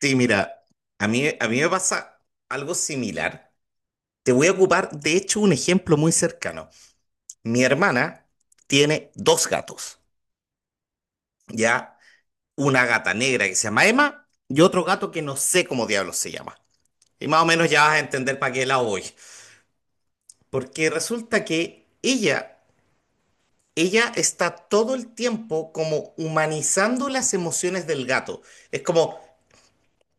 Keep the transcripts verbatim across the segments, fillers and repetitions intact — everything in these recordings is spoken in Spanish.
Sí, mira, a mí, a mí me pasa algo similar. Te voy a ocupar, de hecho, un ejemplo muy cercano. Mi hermana tiene dos gatos, ¿ya? Una gata negra que se llama Emma y otro gato que no sé cómo diablos se llama. Y más o menos ya vas a entender para qué la voy. Porque resulta que ella, ella está todo el tiempo como humanizando las emociones del gato. Es como,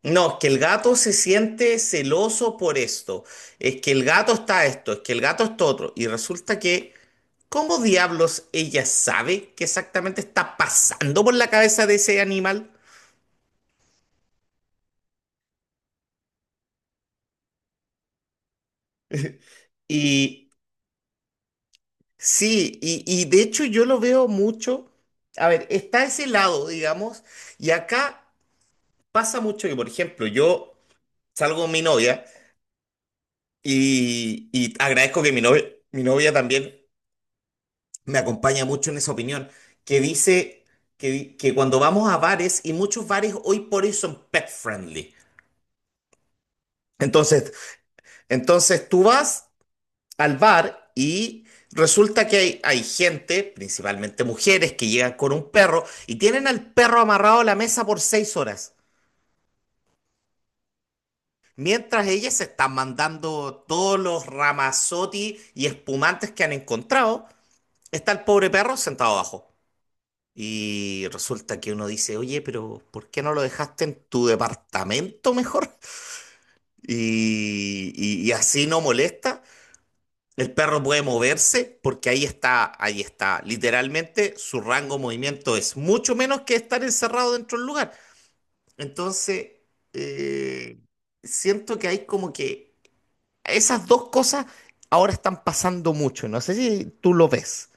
no, es que el gato se siente celoso por esto. Es que el gato está esto, es que el gato está otro. Y resulta que, ¿cómo diablos ella sabe qué exactamente está pasando por la cabeza de ese animal? Y sí, y, y de hecho yo lo veo mucho. A ver, está ese lado, digamos, y acá pasa mucho que, por ejemplo, yo salgo con mi novia y, y agradezco que mi novia, mi novia también me acompaña mucho en esa opinión, que dice que, di- que cuando vamos a bares, y muchos bares hoy por hoy son pet friendly. Entonces, entonces tú vas al bar y resulta que hay, hay gente, principalmente mujeres, que llegan con un perro y tienen al perro amarrado a la mesa por seis horas. Mientras ellas se están mandando todos los ramazotti y espumantes que han encontrado, está el pobre perro sentado abajo. Y resulta que uno dice, oye, pero ¿por qué no lo dejaste en tu departamento mejor? Y, y- y así no molesta. El perro puede moverse porque ahí está, ahí está. Literalmente su rango de movimiento es mucho menos que estar encerrado dentro del lugar. Entonces, eh, siento que hay como que esas dos cosas ahora están pasando mucho. No sé si tú lo ves.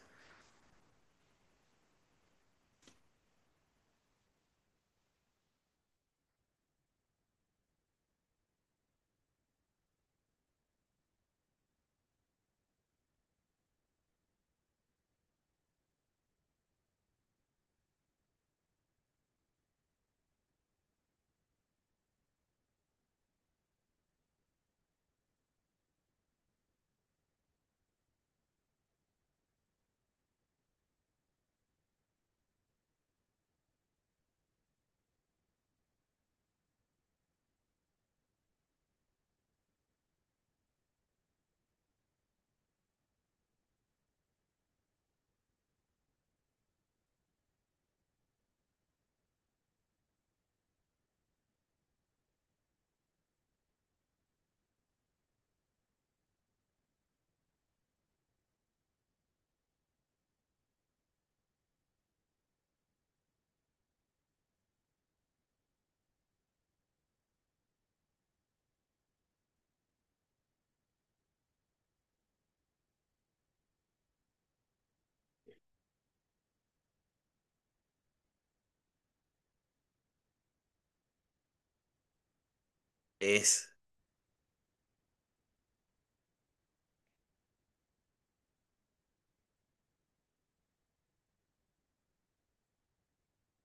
Es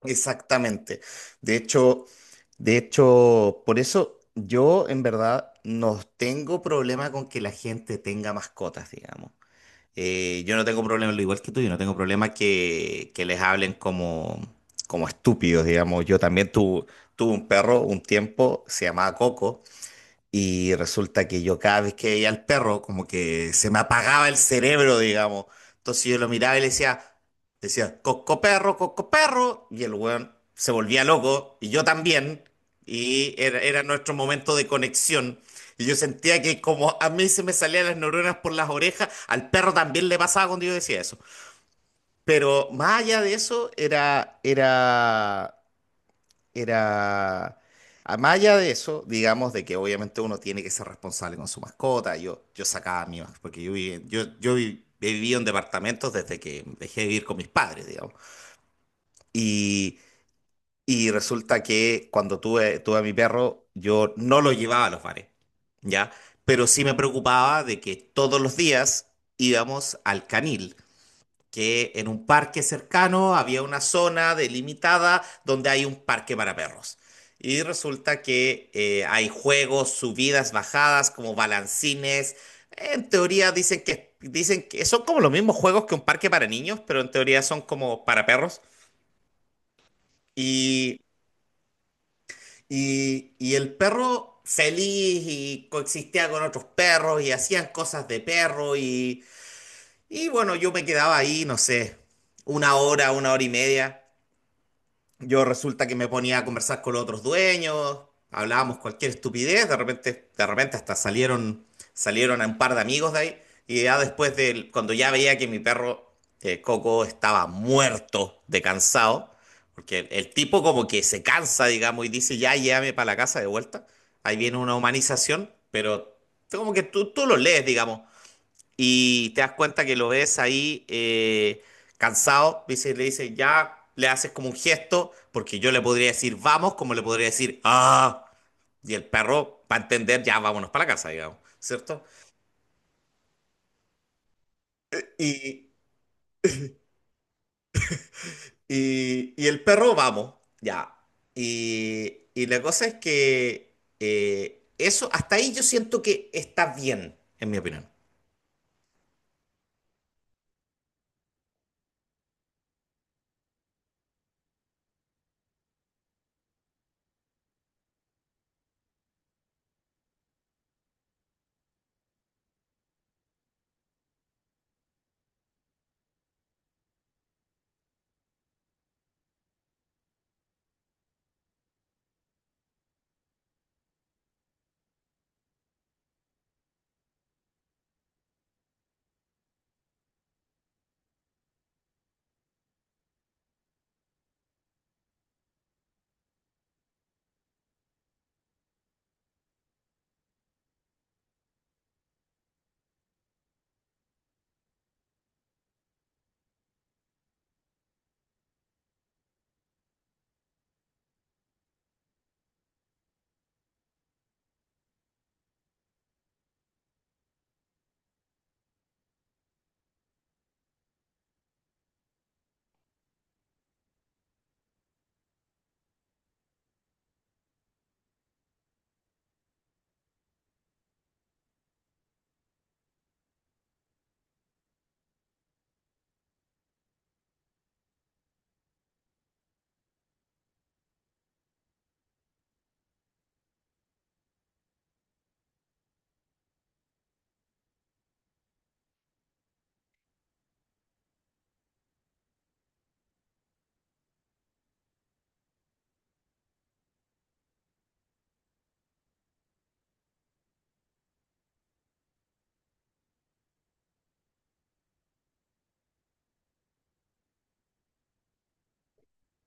Exactamente. De hecho, de hecho, por eso yo en verdad no tengo problema con que la gente tenga mascotas, digamos. Eh, yo no tengo problema, lo igual que tú, yo no tengo problema que, que les hablen como, como estúpidos, digamos. Yo también tu- tuve un perro un tiempo, se llamaba Coco. Y resulta que yo cada vez que veía al perro, como que se me apagaba el cerebro, digamos. Entonces yo lo miraba y le decía, decía, coco perro, coco perro. Y el weón se volvía loco, y yo también. Y era, era nuestro momento de conexión. Y yo sentía que como a mí se me salían las neuronas por las orejas, al perro también le pasaba cuando yo decía eso. Pero más allá de eso, era, era era, a más allá de eso, digamos, de que obviamente uno tiene que ser responsable con su mascota, yo, yo sacaba a mi mascota, porque yo, viví- yo, yo vi- he vivido en departamentos desde que dejé de vivir con mis padres, digamos. Y, y resulta que cuando tuve, tuve a mi perro, yo no lo llevaba a los bares, ¿ya? Pero sí me preocupaba de que todos los días íbamos al canil que en un parque cercano había una zona delimitada donde hay un parque para perros. Y resulta que eh, hay juegos, subidas, bajadas, como balancines. En teoría dicen que, dicen que son como los mismos juegos que un parque para niños, pero en teoría son como para perros. Y, y, y el perro feliz y coexistía con otros perros y hacían cosas de perro y, y bueno, yo me quedaba ahí, no sé, una hora, una hora y media. Yo resulta que me ponía a conversar con los otros dueños, hablábamos cualquier estupidez, de repente, de repente hasta salieron, salieron a un par de amigos de ahí, y ya después de, cuando ya veía que mi perro eh, Coco estaba muerto de cansado, porque el, el tipo como que se cansa, digamos, y dice, ya llévame para la casa de vuelta, ahí viene una humanización, pero como que tú, tú lo lees, digamos, y te das cuenta que lo ves ahí eh, cansado, dice, le dice, ya, le haces como un gesto, porque yo le podría decir vamos, como le podría decir ah, y el perro va a entender, ya, vámonos para la casa, digamos, ¿cierto? Y, y, y el perro, vamos, ya. Y, y la cosa es que eh, eso, hasta ahí yo siento que está bien, en mi opinión.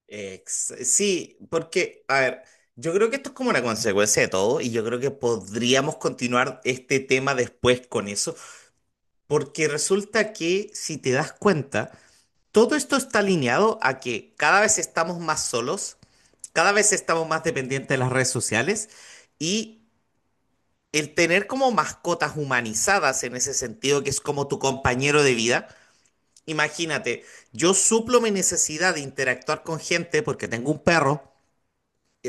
Ex- sí, porque, a ver, yo creo que esto es como una consecuencia de todo y yo creo que podríamos continuar este tema después con eso, porque resulta que si te das cuenta, todo esto está alineado a que cada vez estamos más solos, cada vez estamos más dependientes de las redes sociales y el tener como mascotas humanizadas en ese sentido, que es como tu compañero de vida. Imagínate, yo suplo mi necesidad de interactuar con gente porque tengo un perro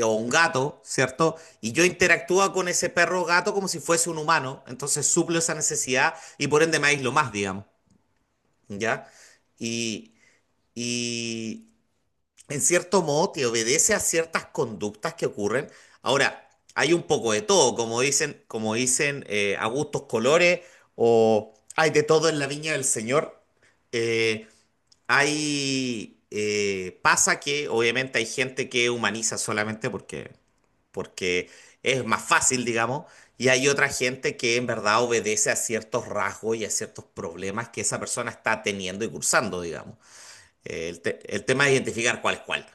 o un gato, ¿cierto? Y yo interactúo con ese perro o gato como si fuese un humano, entonces suplo esa necesidad y por ende me aíslo más, digamos, ¿ya? Y, y en cierto modo te obedece a ciertas conductas que ocurren. Ahora, hay un poco de todo, como dicen, como dicen eh, a gustos colores o hay de todo en la viña del Señor. Eh, hay... eh, pasa que obviamente hay gente que humaniza solamente porque porque es más fácil, digamos, y hay otra gente que en verdad obedece a ciertos rasgos y a ciertos problemas que esa persona está teniendo y cursando, digamos. Eh, El, te- el tema es identificar cuál es cuál.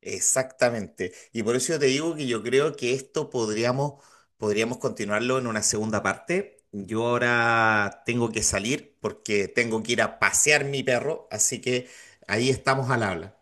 Exactamente. Y por eso yo te digo que yo creo que esto podríamos, podríamos continuarlo en una segunda parte. Yo ahora tengo que salir porque tengo que ir a pasear mi perro, así que ahí estamos al habla.